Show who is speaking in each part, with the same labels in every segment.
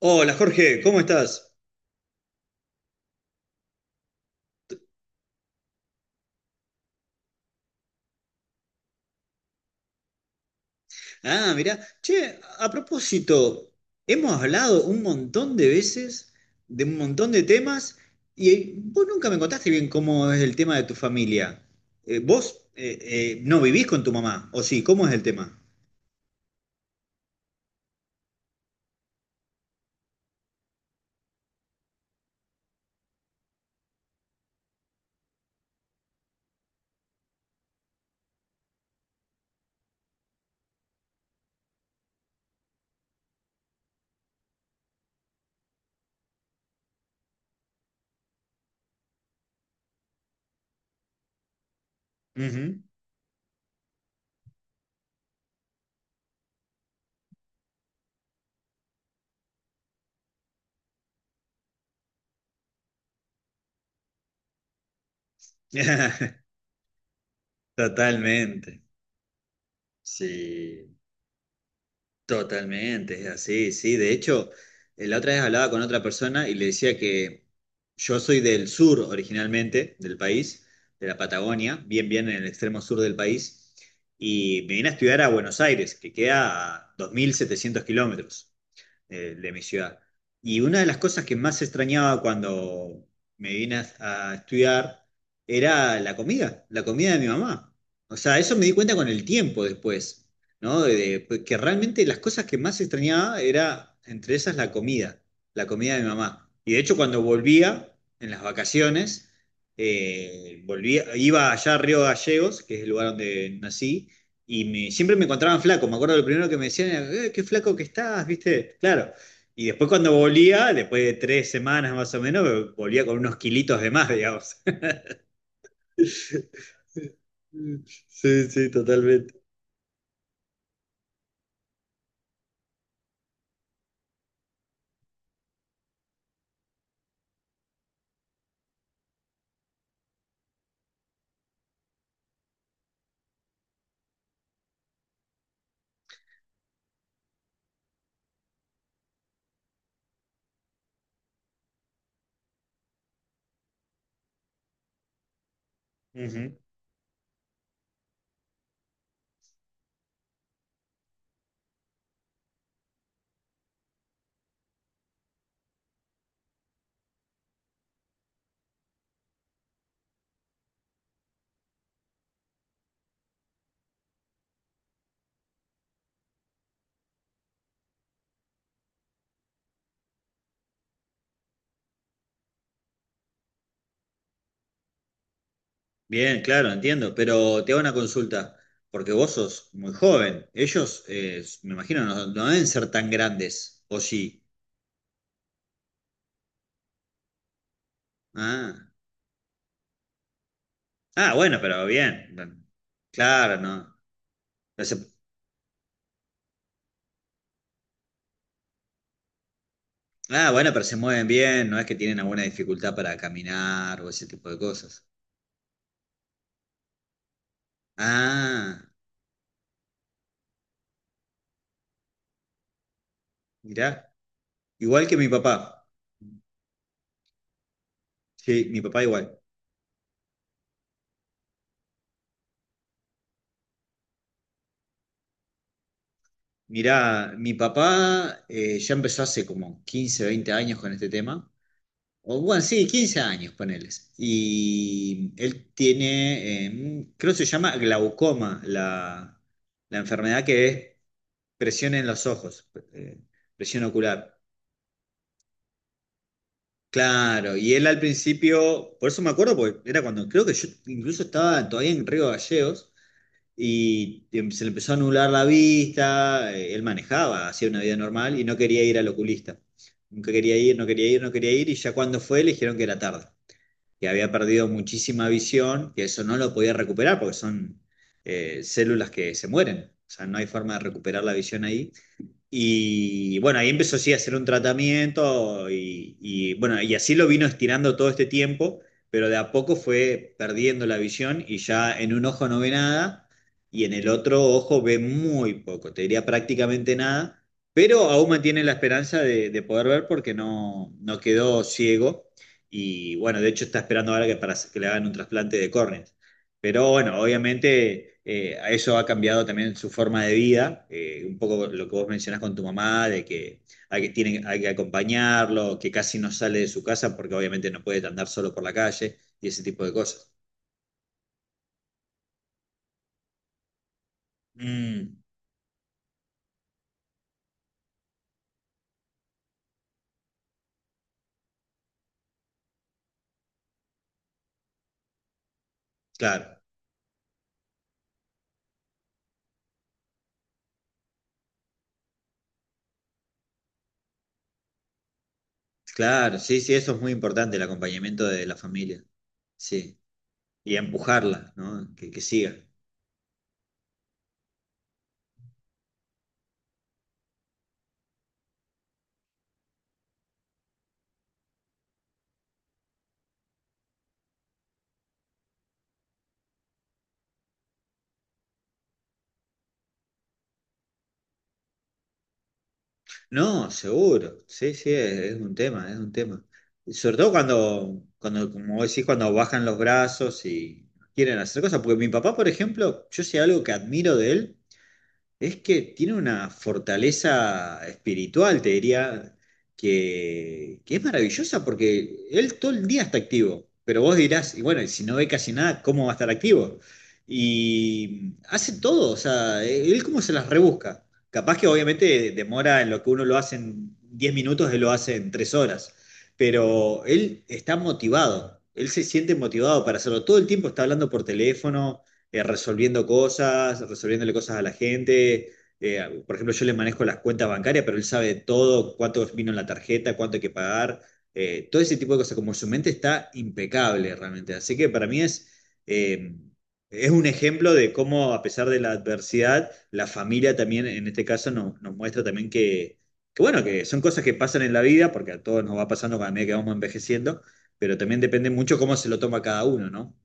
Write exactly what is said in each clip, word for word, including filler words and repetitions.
Speaker 1: Hola Jorge, ¿cómo estás? Ah, mirá, che, a propósito, hemos hablado un montón de veces de un montón de temas y vos nunca me contaste bien cómo es el tema de tu familia. Eh, ¿vos eh, eh, no vivís con tu mamá? ¿O sí? ¿Cómo es el tema? Ujú. Totalmente. Sí. Totalmente, es así, sí. De hecho, eh, la otra vez hablaba con otra persona y le decía que yo soy del sur originalmente, del país, de la Patagonia, bien, bien en el extremo sur del país, y me vine a estudiar a Buenos Aires, que queda a dos mil setecientos kilómetros eh, de mi ciudad. Y una de las cosas que más extrañaba cuando me vine a, a estudiar era la comida, la comida de mi mamá. O sea, eso me di cuenta con el tiempo después, ¿no? De- de- pues, que realmente las cosas que más extrañaba era, entre esas, la comida, la comida de mi mamá. Y de hecho, cuando volvía en las vacaciones, eh, volvía, iba allá a Río Gallegos, que es el lugar donde nací, y me- siempre me encontraban flaco. Me acuerdo lo primero que me decían era, "Eh, qué flaco que estás, ¿viste?". Claro. Y después cuando volvía, después de tres semanas más o menos, volvía con unos kilitos de más, digamos. Sí, sí, totalmente. Ujú. Bien, claro, entiendo. Pero te hago una consulta, porque vos sos muy joven. Ellos, eh, me imagino, no, no deben ser tan grandes, ¿o sí? Ah, ah, bueno, pero bien. Claro, no. Pero se Ah, bueno, pero se mueven bien, no es que tienen alguna dificultad para caminar o ese tipo de cosas. Ah, mirá, igual que mi papá. Sí, mi papá igual. Mirá, mi papá eh, ya empezó hace como quince, veinte años con este tema. O bueno, sí, quince años, poneles. Y él tiene, eh, creo que se llama glaucoma, la, la enfermedad que es presión en los ojos, eh, presión ocular. Claro, y él al principio, por eso me acuerdo, porque era cuando creo que yo incluso estaba todavía en Río Gallegos y em- se le empezó a anular la vista, eh, él manejaba, hacía una vida normal y no quería ir al oculista. Nunca quería ir, no quería ir, no quería ir y ya cuando fue le dijeron que era tarde, que había perdido muchísima visión, que eso no lo podía recuperar porque son eh, células que se mueren, o sea, no hay forma de recuperar la visión ahí y bueno, ahí empezó sí, a hacer un tratamiento y, y, bueno, y así lo vino estirando todo este tiempo, pero de a poco fue perdiendo la visión y ya en un ojo no ve nada y en el otro ojo ve muy poco, te diría prácticamente nada, pero aún mantiene la esperanza de, de poder ver porque no, no quedó ciego y bueno, de hecho está esperando ahora que, para, que le hagan un trasplante de córnea. Pero bueno, obviamente eh, a eso ha cambiado también su forma de vida, eh, un poco lo que vos mencionás con tu mamá, de que hay que, tienen, hay que acompañarlo, que casi no sale de su casa porque obviamente no puede andar solo por la calle y ese tipo de cosas. Mm, claro, claro, sí, sí, eso es muy importante, el acompañamiento de la familia, sí, y empujarla, ¿no? Que, que siga. No, seguro, sí, sí, es, es un tema, es un tema. Y sobre todo cuando, cuando, como vos decís, cuando bajan los brazos y quieren hacer cosas, porque mi papá, por ejemplo, yo sé algo que admiro de él, es que tiene una fortaleza espiritual, te diría, que, que es maravillosa porque él todo el día está activo, pero vos dirás, y bueno, y si no ve casi nada, ¿cómo va a estar activo? Y hace todo, o sea, él cómo se las rebusca. Capaz que obviamente demora en lo que uno lo hace en diez minutos, él lo hace en tres horas, pero él está motivado, él se siente motivado para hacerlo. Todo el tiempo está hablando por teléfono eh, resolviendo cosas, resolviéndole cosas a la gente. Eh, por ejemplo, yo le manejo las cuentas bancarias, pero él sabe todo, cuánto vino en la tarjeta, cuánto hay que pagar, eh, todo ese tipo de cosas, como su mente está impecable realmente. Así que para mí es, eh, es un ejemplo de cómo a pesar de la adversidad, la familia también en este caso nos, nos muestra también que, que, bueno, que son cosas que pasan en la vida, porque a todos nos va pasando cada medida que vamos envejeciendo, pero también depende mucho cómo se lo toma cada uno, ¿no?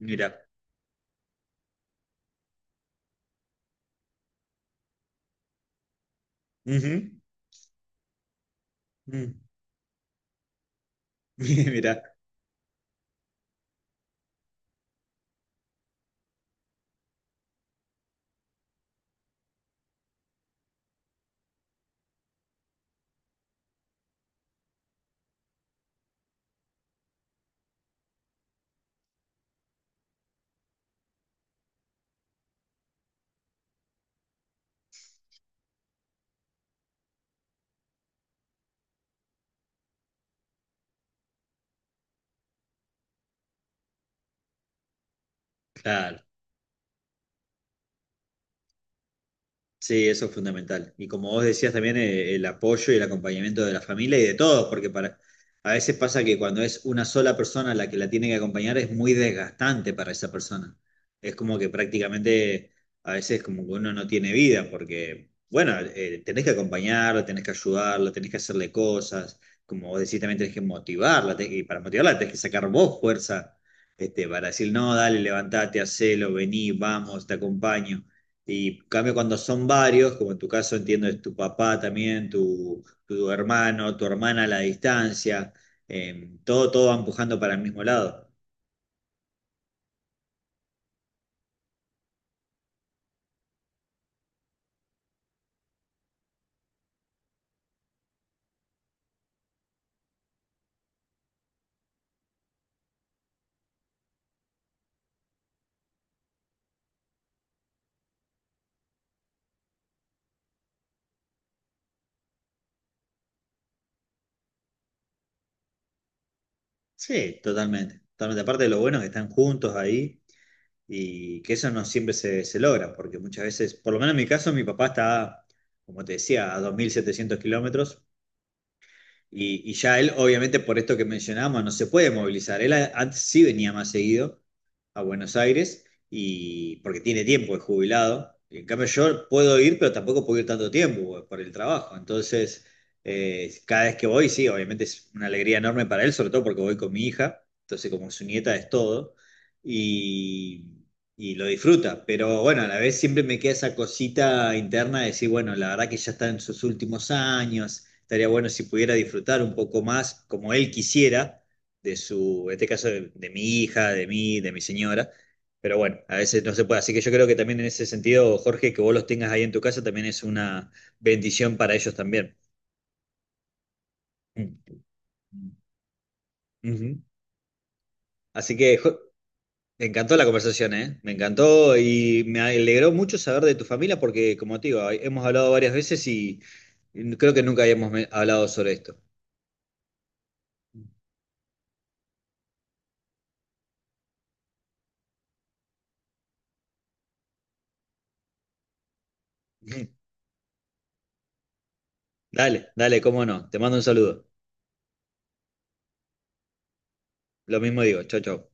Speaker 1: Mira. Ujú. Mm. Mira, claro. Sí, eso es fundamental. Y como vos decías también, eh, el apoyo y el acompañamiento de la familia y de todos, porque para, a veces pasa que cuando es una sola persona la que la tiene que acompañar es muy desgastante para esa persona. Es como que prácticamente a veces como que uno no tiene vida, porque, bueno, eh, tenés que acompañarla, tenés que ayudarla, tenés que hacerle cosas, como vos decís, también tenés que motivarla, te- y para motivarla tenés que sacar vos fuerza, este, para decir, no, dale, levantate, hacelo, vení, vamos, te acompaño. Y en cambio cuando son varios, como en tu caso entiendo es tu papá también, tu, tu hermano, tu hermana a la distancia, eh, todo, todo va empujando para el mismo lado. Sí, totalmente. Totalmente. Aparte de lo bueno es que están juntos ahí y que eso no siempre se, se logra, porque muchas veces, por lo menos en mi caso, mi papá está, como te decía, a dos mil setecientos kilómetros. Y, y ya él, obviamente, por esto que mencionábamos no se puede movilizar. Él a- antes sí venía más seguido a Buenos Aires y porque tiene tiempo, es jubilado. Y en cambio, yo puedo ir, pero tampoco puedo ir tanto tiempo por el trabajo. Entonces, eh, cada vez que voy, sí, obviamente es una alegría enorme para él, sobre todo porque voy con mi hija. Entonces, como su nieta es todo. Y, y lo disfruta. Pero bueno, a la vez siempre me queda esa cosita interna de decir, bueno, la verdad que ya está en sus últimos años. Estaría bueno si pudiera disfrutar un poco más, como él quisiera, de su, en este caso, de, de mi hija, de mí, de mi señora. Pero bueno, a veces no se puede. Así que yo creo que también en ese sentido, Jorge, que vos los tengas ahí en tu casa también es una bendición para ellos también. Mm. Ujú. Así que jo- me encantó la conversación, ¿eh? Me encantó y me alegró mucho saber de tu familia porque, como te digo, hemos hablado varias veces y creo que nunca habíamos me- hablado sobre esto. Dale, dale, cómo no. Te mando un saludo. Lo mismo digo, chao, chao.